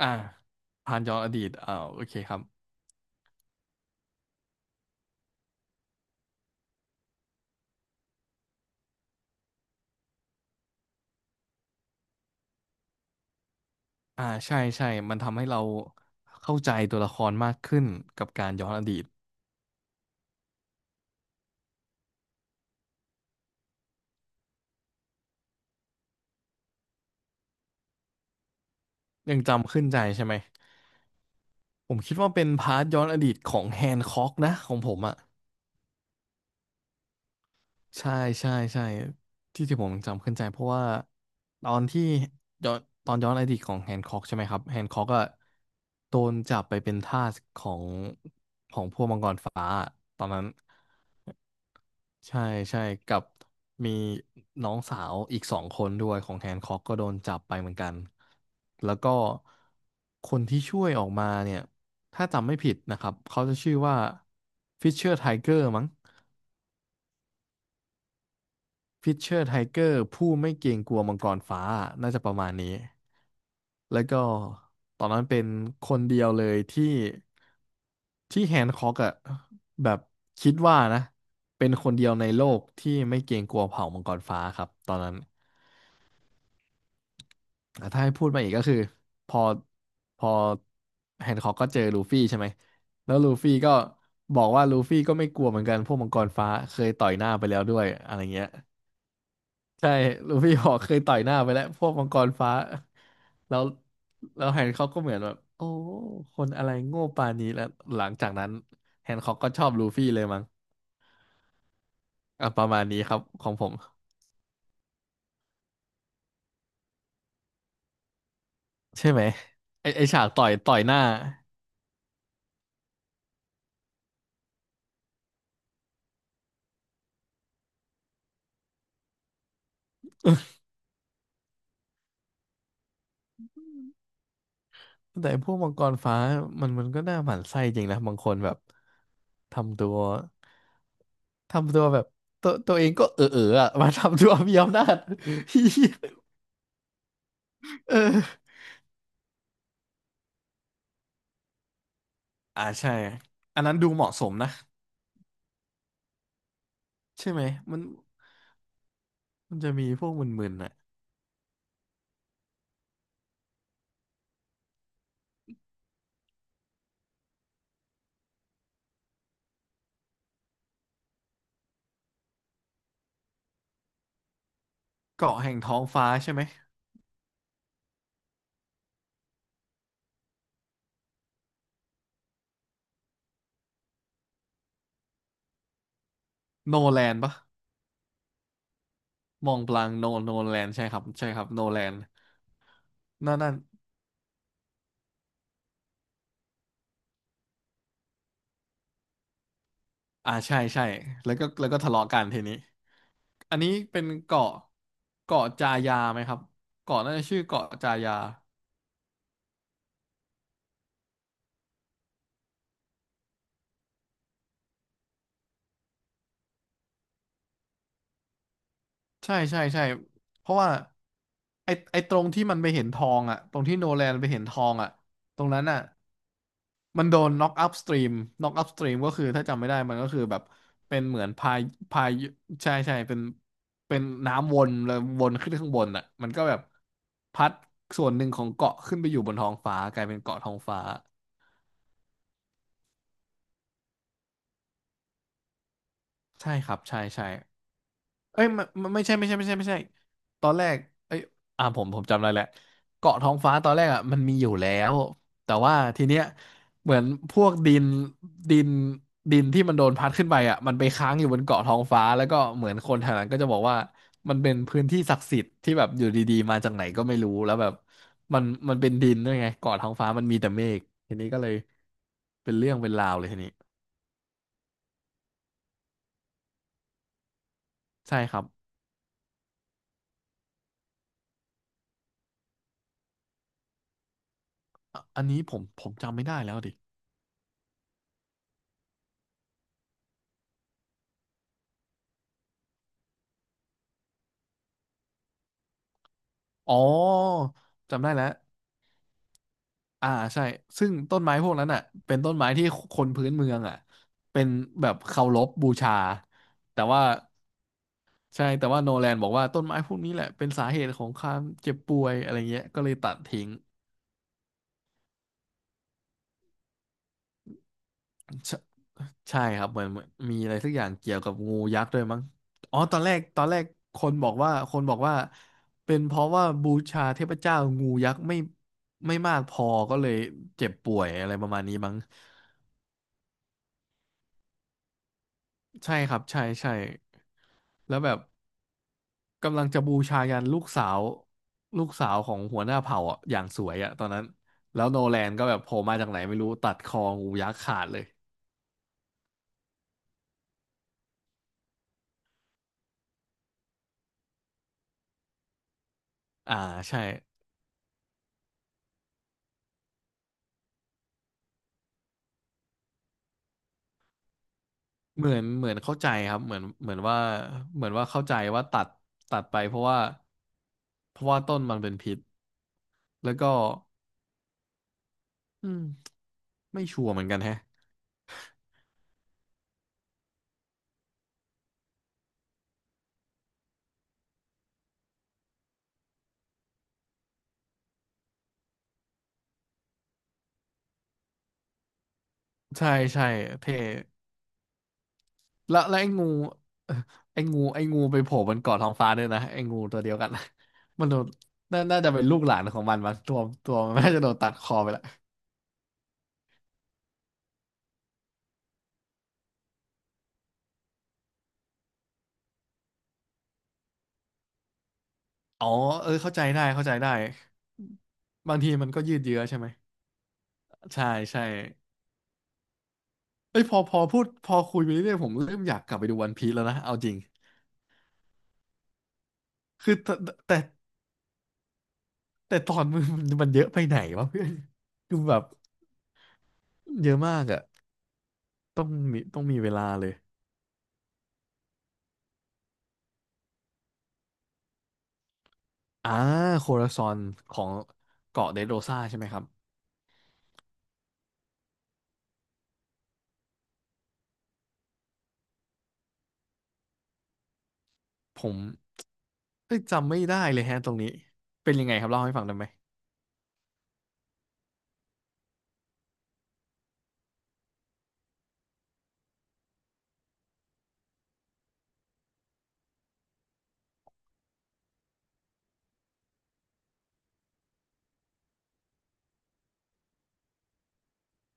อ่าผ่านย้อนอดีตโอเคครับอ่าใช่ใช่มันทำให้เราเข้าใจตัวละครมากขึ้นกับการย้อนอดีตยังจำขึ้นใจใช่ไหมผมคิดว่าเป็นพาร์ทย้อนอดีตของแฮนค็อกนะของผมอ่ะใช่ใช่ใช่ที่ผมจำขึ้นใจเพราะว่าตอนที่ย้อนตอนย้อนอดีตของแฮนค็อกใช่ไหมครับแฮนค็อกอะโดนจับไปเป็นทาสของพวกมังกรฟ้าตอนนั้น ใช่ใช่กับมีน้องสาวอีกสองคนด้วยของแฮนค็อกก็โดนจับไปเหมือนกันแล้วก็คนที่ช่วยออกมาเนี่ยถ้าจำไม่ผิดนะครับเขาจะชื่อว่าฟิชเชอร์ไทเกอร์มั้ง พิชเชอร์ไทเกอร์ผู้ไม่เกรงกลัวมังกรฟ้าน่าจะประมาณนี้แล้วก็ตอนนั้นเป็นคนเดียวเลยที่แฮนค็อกอะแบบคิดว่านะเป็นคนเดียวในโลกที่ไม่เกรงกลัวเผ่ามังกรฟ้าครับตอนนั้นอ่ะถ้าให้พูดมาอีกก็คือพอพอแฮนค็อกก็เจอลูฟี่ใช่ไหมแล้วลูฟี่ก็บอกว่าลูฟี่ก็ไม่กลัวเหมือนกันพวกมังกรฟ้าเคยต่อยหน้าไปแล้วด้วยอะไรเงี้ย ใช่ลูฟพี่หอกเคยต่อยหน้าไปแล้วพวกมังกรฟ้า แล้วแล้วแฮนค็อกก็เหมือนแบบโอ้คนอะไรโง่ปานนี้แล้ว หลังจากนั้นแฮนค็อกก็ชอบลูฟี่เลยมั้งอ่ะประมาณนี้ครับของผม ใช่ไหมไอฉากต่อยหน้า แต่พวกมังกรฟ้ามันก็น่าหมั่นไส้จริงนะบางคนแบบ ทำตัว ทำตัวแบบตัวเองก็เอออ่ะ มาทำตัวมีอำนาจ เออใช่อันนั้นดูเหมาะสมนะ ใช่ไหมมันมันจะมีพวกมึนๆน่ะเกาะแห่งท้องฟ้าใช่ไหมโนแลนปะมองบลังโนแลนใช่ครับใช่ครับโนแลนนั่นอ่าใช่ใช่แล้วก็ทะเลาะกันทีนี้อันนี้เป็นเกาะเกาะจายาไหมครับเกาะน่าจะชื่อเกาะจายาใช่ใช่ใช่เพราะว่าไอตรงที่มันไปเห็นทองอ่ะตรงที่โนแลนไปเห็นทองอ่ะตรงนั้นอ่ะ มันโดน knock up stream knock up stream ก็คือถ้าจำไม่ได้มันก็คือแบบเป็นเหมือนพายพายใช่ใช่เป็นน้ำวนแล้ววนขึ้นข้างบนอ่ะมันก็แบบพัดส่วนหนึ่งของเกาะขึ้นไปอยู่บนท้องฟ้ากลายเป็นเกาะท้องฟ้าใช่ครับใช่ใช่ เอ้ยไม่ไม่ใช่ไม่ใช่ไม่ใช่ไม่ใช่ตอนแรกเอ้ยอ่าผมจำได้แหละเกาะท้องฟ้าตอนแรกอ่ะมันมีอยู่แล้วแต่ว่าทีเนี้ยเหมือนพวกดินดินที่มันโดนพัดขึ้นไปอ่ะมันไปค้างอยู่บนเกาะท้องฟ้าแล้วก็เหมือนคนแถวนั้นก็จะบอกว่ามันเป็นพื้นที่ศักดิ์สิทธิ์ที่แบบอยู่ดีๆมาจากไหนก็ไม่รู้แล้วแบบมันเป็นดินด้วยไงเกาะท้องฟ้ามันมีแต่เมฆทีนี้ก็เลยเป็นเรื่องเป็นราวเลยทีนี้ใช่ครับอะอันนี้ผมจำไม่ได้แล้วดิ อ๋อจำได้แล้วอ่าใช่ซึ่งต้นไม้พวกนั้นอ่ะเป็นต้นไม้ที่คนพื้นเมืองอ่ะเป็นแบบเคารพบูชาแต่ว่าใช่แต่ว่าโนแลนบอกว่าต้นไม้พวกนี้แหละเป็นสาเหตุของความเจ็บป่วยอะไรเงี้ยก็เลยตัดทิ้งใช่ใช่ครับเหมือนมีอะไรสักอย่างเกี่ยวกับงูยักษ์ด้วยมั้งอ๋อตอนแรกคนบอกว่าเป็นเพราะว่าบูชาเทพเจ้างูยักษ์ไม่มากพอก็เลยเจ็บป่วยอะไรประมาณนี้มั้ง ใช่ครับใช่ใช่แล้วแบบกำลังจะบูชายันลูกสาวลูกสาวของหัวหน้าเผ่าอ่ะอย่างสวยอ่ะตอนนั้นแล้วโนแลนก็แบบโผล่มาจากไหนไม่รู้ตัดคองูยักษ์ขาดเลยอ่าใช่เหมือนเข้าใจครับเหมือนว่าเข้าใจว่าตัดไปเพราะว่าต้นมันเป็นพิษแล้วก็อืมไม่ชัวร์เหมือนกันแฮะใช่ใช่เท่ แล้วไอ้งู เอ่อไอ้งูไปโผล่บนเกาะท้องฟ้าด้วยนะไอ้งูตัวเดียวกัน มันโดนน่าจะเป็นลูกหลานของมันตัวมันน่าจะโดนตัดคอไปละอ๋อเออเข้าใจได้บางทีมันก็ยืดเยื้อใช่ไหมใช่ใช่เอ้ยพอพอพูดพอคุยไปเรื่อยๆผมเริ่มอยากกลับไปดูวันพีซแล้วนะเอาจริงคือแต่แต่ตอนมันมันเยอะไปไหนวะเพื่อนดูแบบเยอะมากอะต้องมีเวลาเลย อ่าโคราซอนของเกาะเดโรซาใช่ไหมครับผมเอ้ยจำไม่ได้เลยฮะตรงนี้เป็นยังไงครับเล่าให้ฟังได้ไหม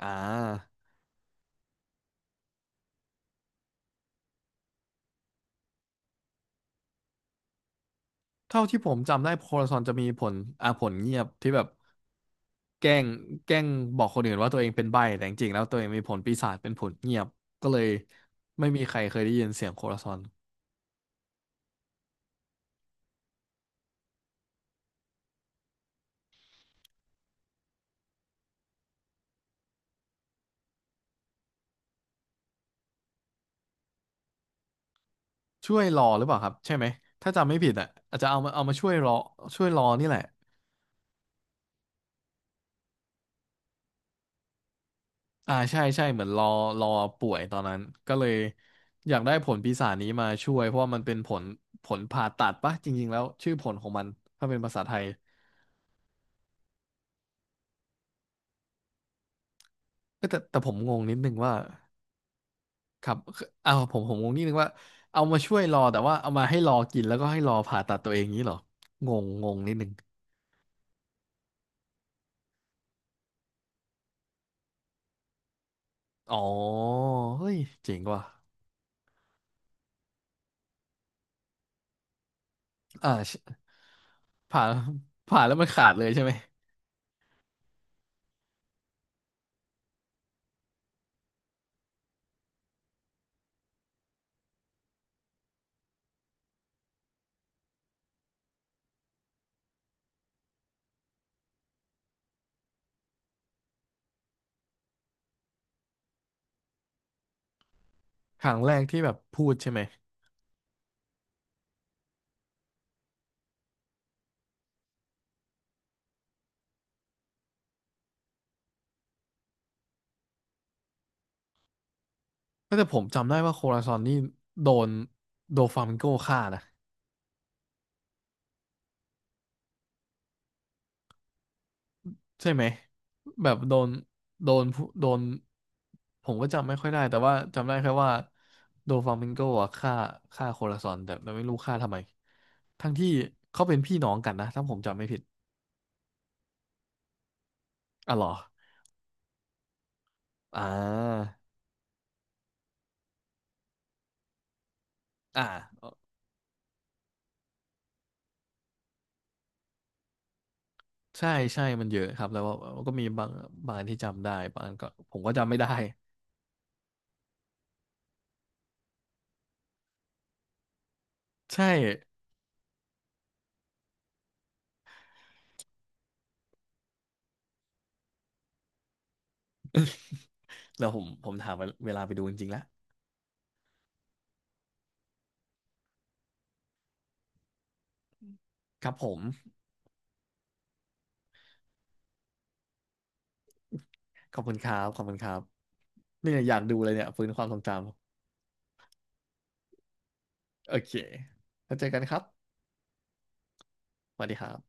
อ่าเท่าที่ผมจำได้โคราซอนจะมีผลอ่าผลเงียบที่แบบแกล้งแกล้งบอกคนอื่นว่าตัวเองเป็นใบ้แต่จริงๆแล้วตัวเองมีผลปีศาจเป็นผลเงียบก็เลยไม่มีใครเคยได้ยินเสียงโคราซอนช่วยรอหรือเปล่าครับใช่ไหมถ้าจำไม่ผิดอ่ะอาจจะเอามาช่วยรอช่วยรอนี่แหละ อ่าใช่ใช่เหมือนรอรอป่วยตอนนั้นก็เลยอยากได้ผลปีศาจนี้มาช่วยเพราะว่ามันเป็นผลผลผ่าตัดปะจริงๆแล้วชื่อผลของมันถ้าเป็นภาษาไทยเอ้ยแต่แต่ผมงงนิดนึงว่าครับเอาผมงงนิดนึงว่าเอามาช่วยรอแต่ว่าเอามาให้รอกินแล้วก็ให้รอผ่าตัดตัวเองนี้เหรองงงงนิดนึงอ๋อเฮ้ยเจ๋งว่ะอ่าใช่ผ่าแล้วมันขาดเลยใช่ไหมครั้งแรกที่แบบพูดใช่ไหม ก็แต่ผมจำได้ว่าโคราซอนนี่โดนโดฟลามิงโกฆ่านะใช่ไหมแบบโดนโดนผู้โดนผมก็จำไม่ค่อยได้แต่ว่าจำได้แค่ว่าโดฟลามิงโกอะฆ่าโคราซอนแต่ไม่รู้ฆ่าทำไมทั้งที่เขาเป็นพี่น้องกันนะถ้าผมจำไม่ผิดอะเหรออ่าอ่าใช่ใช่มันเยอะครับแล้วว่าก็มีบางอันที่จำได้บางอันก็ผมก็จำไม่ได้ ใช่ แล้วผมถามเวลาไปดูจริงๆแล้วครับผม ขอบคุณครับ ขอบคุณครับเนี่ยอยากดูเลยเนี่ยฟื้นความทรงจำ โอเคแล้วเจอกันครับ สวัสดีครับ